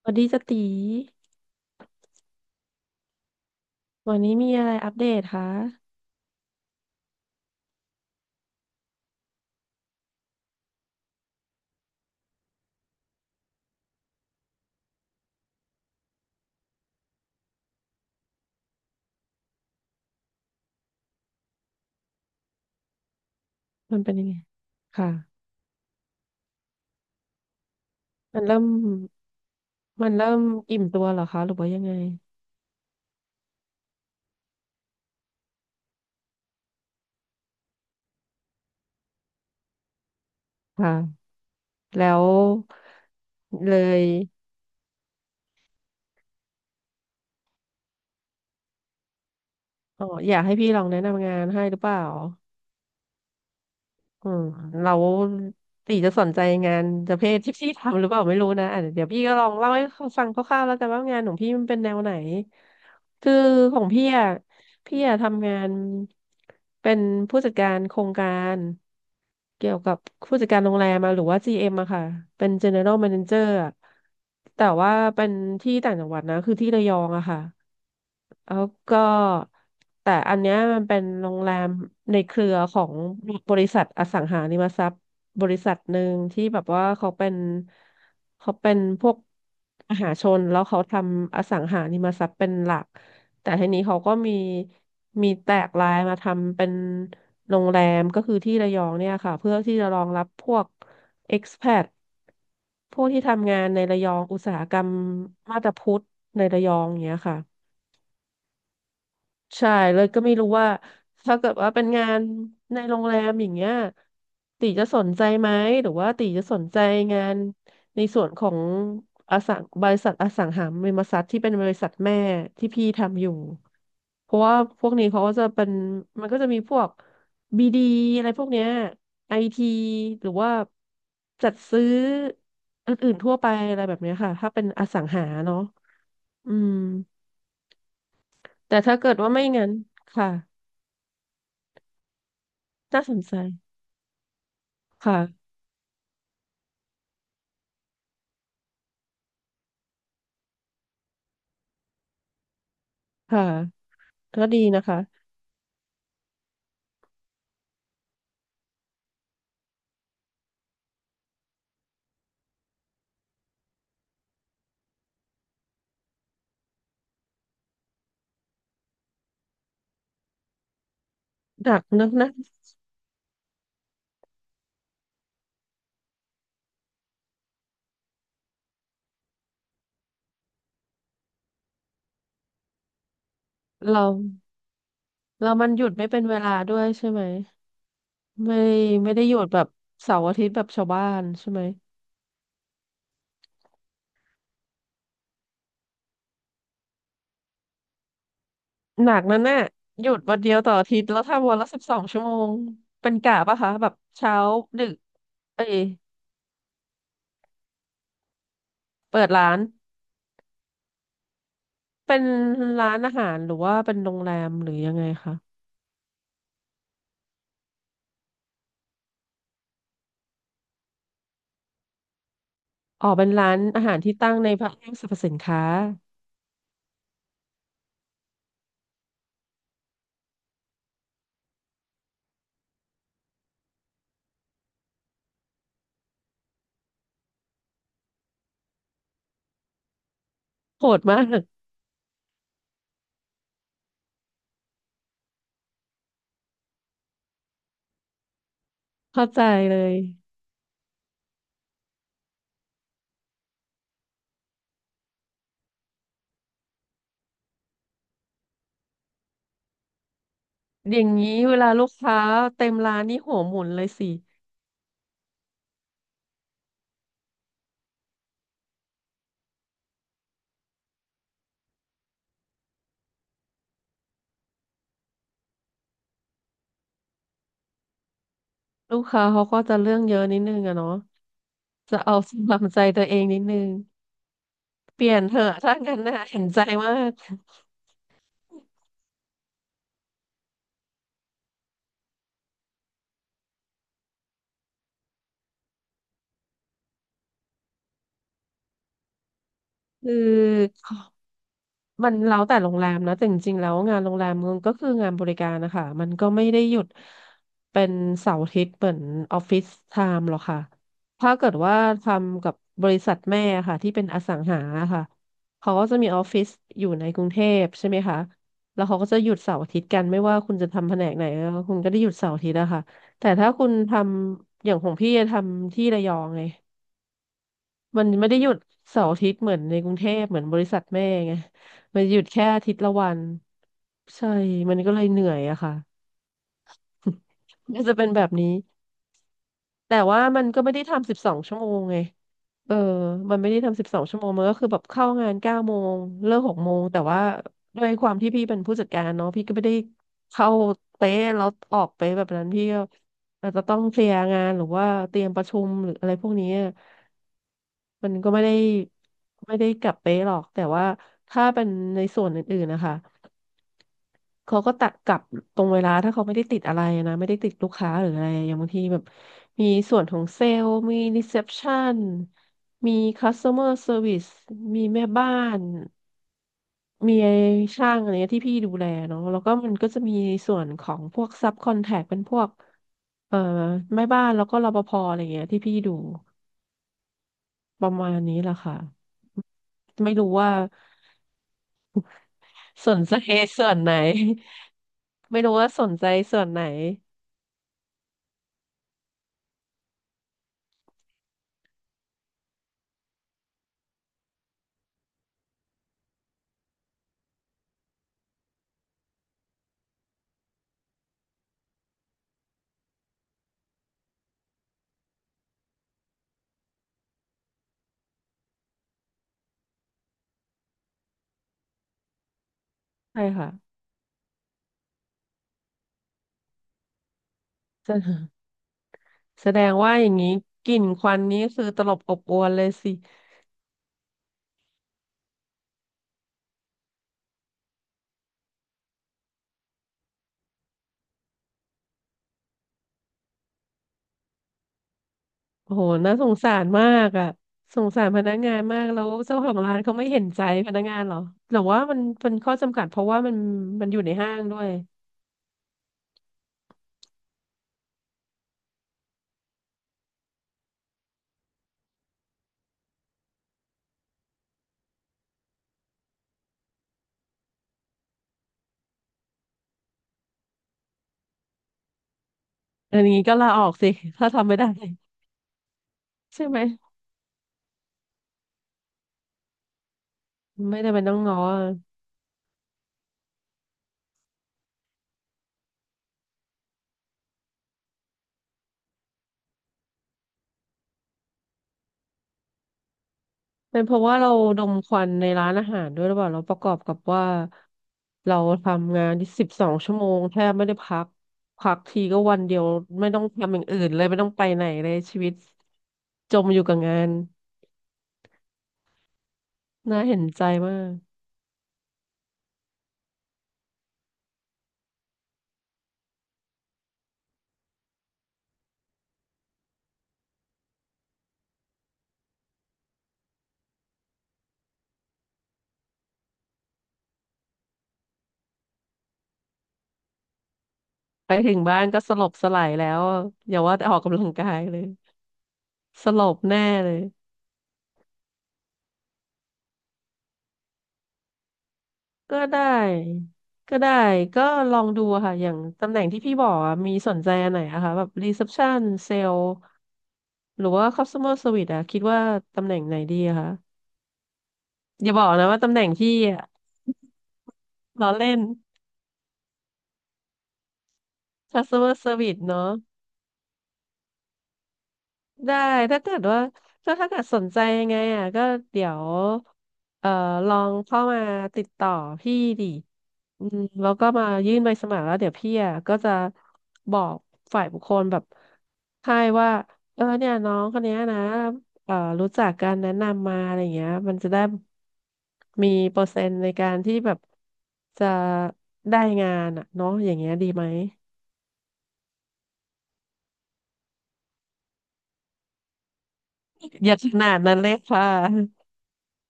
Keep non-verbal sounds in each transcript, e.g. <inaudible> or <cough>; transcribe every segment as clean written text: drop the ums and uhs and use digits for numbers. สวัสดีจติวันนี้มีอะไรอัปเดตคะ มันเป็นยังไง ค่ะ มันเริ่ม มันเริ่มอิ่มตัวเหรอคะ หรือว่ายังไง ค่ะ แล้วเลยอ๋ออยากให้พี่ลองแนะนำงานให้หรือเปล่า อืมเราตีจะสนใจงานประเภทที่พี่ทำหรือเปล่าไม่รู้นะอ่ะเดี๋ยวพี่ก็ลองเล่าให้ฟังคร่าวๆแล้วกันว่างานของพี่มันเป็นแนวไหนคือของพี่อ่ะพี่อ่ะทำงานเป็นผู้จัดการโครงการเกี่ยวกับผู้จัดการโรงแรมอะหรือว่า GM อมอะค่ะเป็น General Manager อะแต่ว่าเป็นที่ต่างจังหวัดนะคือที่ระยองอะค่ะ แล้วก็แต่อันเนี้ยมันเป็นโรงแรมในเครือของบริษัทอสังหาริมทรัพย์บริษัทหนึ่งที่แบบว่าเขาเป็นพวกมหาชนแล้วเขาทำอสังหาริมทรัพย์เป็นหลักแต่ทีนี้เขาก็มีแตกลายมาทำเป็นโรงแรมก็คือที่ระยองเนี่ยค่ะเพื่อที่จะรองรับพวก expat พวกที่ทำงานในระยองอุตสาหกรรมมาบตาพุธในระยองอย่างเงี้ยค่ะ ใช่เลยก็ไม่รู้ว่าถ้าเกิดว่าเป็นงานในโรงแรมอย่างเงี้ยตีจะสนใจไหมหรือว่าตีจะสนใจงานในส่วนของอสังบริษัทอสังหาริมทรัพย์ที่เป็นบริษัทแม่ที่พี่ทำอยู่เพราะว่าพวกนี้เขาก็จะเป็นมันก็จะมีพวกบีดีอะไรพวกเนี้ยไอทีหรือว่าจัดซื้ออื่นๆทั่วไปอะไรแบบเนี้ยค่ะถ้าเป็นอสังหาเนาะอืมแต่ถ้าเกิดว่าไม่งั้นค่ะ น่าสนใจค่ะค่ะก็ดีนะคะหนักนักนะเราเรามันหยุดไม่เป็นเวลาด้วยใช่ไหมไม่ไม่ได้หยุดแบบเสาร์อาทิตย์แบบชาวบ้านใช่ไหมหนักนั่นน่ะหยุดวันเดียวต่ออาทิตย์แล้วทำวันละสิบสองชั่วโมงเป็นกะปะคะแบบเช้าดึกเอ้ยเปิดร้านเป็นร้านอาหารหรือว่าเป็นโรงแรมหรือยังไงคะอ๋อเป็นร้านอาหารที่ตั้งในห้างสรรพสินค้าโหดมากเข้าใจเลย อย่างนี้เวลาลูกค้าเต็มร้านนี่หัวหมุนเลยสิ ลูกค้าเขาก็จะเรื่องเยอะนิดนึงอะเนาะจะเอาตามใจตัวเองนิดนึงเปลี่ยนเถอะถ้างั้นน่ะเห็นใจมากคือ มันแล้วแต่โรงแรมนะแต่จริงๆแล้วงานโรงแรมมันก็คืองานบริการนะคะมันก็ไม่ได้หยุดเป็นเสาร์อาทิตย์เหมือนออฟฟิศไทม์หรอกค่ะถ้าเกิดว่าทำกับบริษัทแม่ค่ะที่เป็นอสังหาค่ะเขาก็จะมีออฟฟิศอยู่ในกรุงเทพใช่ไหมคะแล้วเขาก็จะหยุดเสาร์อาทิตย์กันไม่ว่าคุณจะทำแผนกไหนคุณก็ได้หยุดเสาร์อาทิตย์อะค่ะแต่ถ้าคุณทำอย่างของพี่ทำที่ระยองไง มันไม่ได้หยุดเสาร์อาทิตย์เหมือนในกรุงเทพเหมือนบริษัทแม่ไงมันหยุดแค่อาทิตย์ละวันใช่มันก็เลยเหนื่อยอะค่ะก็จะเป็นแบบนี้แต่ว่ามันก็ไม่ได้ทำ12 ชั่วโมงไงเออมันไม่ได้ทำ12 ชั่วโมงมันก็คือแบบเข้างาน9 โมงเลิก6 โมงแต่ว่าด้วยความที่พี่เป็นผู้จัดการเนาะพี่ก็ไม่ได้เข้าเป๊ะแล้วออกเป๊ะแบบนั้นพี่ก็อาจจะต้องเคลียร์งานหรือว่าเตรียมประชุมหรืออะไรพวกนี้ มันก็ไม่ได้กลับเป๊ะหรอกแต่ว่าถ้าเป็นในส่วนอื่นๆนะคะเขาก็ตัดกลับตรงเวลาถ้าเขาไม่ได้ติดอะไรนะไม่ได้ติดลูกค้าหรืออะไรอย่างบางทีแบบมีส่วนของเซลล์มีรีเซพชันมี customer service มีแม่บ้านมีช่างอะไรเงี้ยที่พี่ดูแลเนาะแล้วก็มันก็จะมีส่วนของพวกซับคอนแทคเป็นพวกเอ่อแม่บ้านแล้วก็รปภอะไรเงี้ยที่พี่ดูประมาณนี้แหละค่ะไม่รู้ว่า สนใจ <laughs> ส่วนไหน <laughs> ไม่รู้ว่าสนใจส่วนไหนใช่ค่ะ <laughs> แสแสดงว่าอย่างนี้กลิ่นควันนี้คือตลบอบอวนเลยสิโอ้โหน่าสงสารมากอ่ะสงสารพนักงานมากแล้วเจ้าของร้านเขาไม่เห็นใจพนักงานเหรอหรือว่ามันเป็นข้อจำกัดเพราะว่ามันอยู่ในห้างด้วยอันนี้ก็ลาออกสิ <laughs> ถ้าทำไม่ได้ใช่ไหมไม่ได้เป็นต้องง้อ เป็นเพราะว่าเราดมควันในร้านอาหารด้วยหรือเปล่าเราประกอบกับว่าเราทำงานที่12 ชั่วโมงแทบไม่ได้พักพักทีก็วันเดียวไม่ต้องทำอย่างอื่นเลยไม่ต้องไปไหนเลยชีวิตจมอยู่กับงานน่าเห็นใจมากไปถึงบ้านก็สลบสลายแล้วอย่าว่าแต่ออกกำลังกายเลยสลบแน่เลยก็ได้ก็ได้ก็ลองดูอะค่ะอย่างตำแหน่งที่พี่บอกอะมีสนใจอันไหนอะคะแบบรีเซพชันเซล หรือว่า customer service อะคิดว่าตำแหน่งไหนดีอะคะอย่าบอกนะว่าตำแหน่งพี่อะล้อเล่น customer service เนาะ ได้ถ้าเกิดว่าถ้าเกิดสนใจยังไงอ่ะก็เดี๋ยวเอ่อลองเข้ามาติดต่อพี่ดิอืมแล้วก็มายื่นใบสมัครแล้วเดี๋ยวพี่อ่ะก็จะบอกฝ่ายบุคคลแบบให้ว่าเออเนี่ยน้องคนเนี้ยนะรู้จักการแนะนำมาอะไรเงี้ยมันจะได้มีเปอร์เซ็นต์ในการที่แบบจะได้งานอ่ะเนาะอย่างเงี้ยดีไหมอย่าขนาดนั้นเลยค่ะ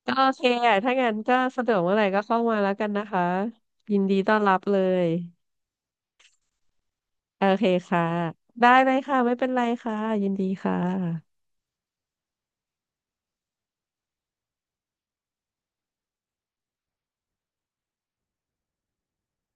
ก็โอเคอ่ะถ้างั้นก็สะดวกเมื่อไหร่ก็เข้ามาแล้วกันนะคะ ยินดีต้อนรับเลย โอเคค่ะ ได้เลยค่ะ ไม่เป็นไรค่ะ ยินดีค่ะ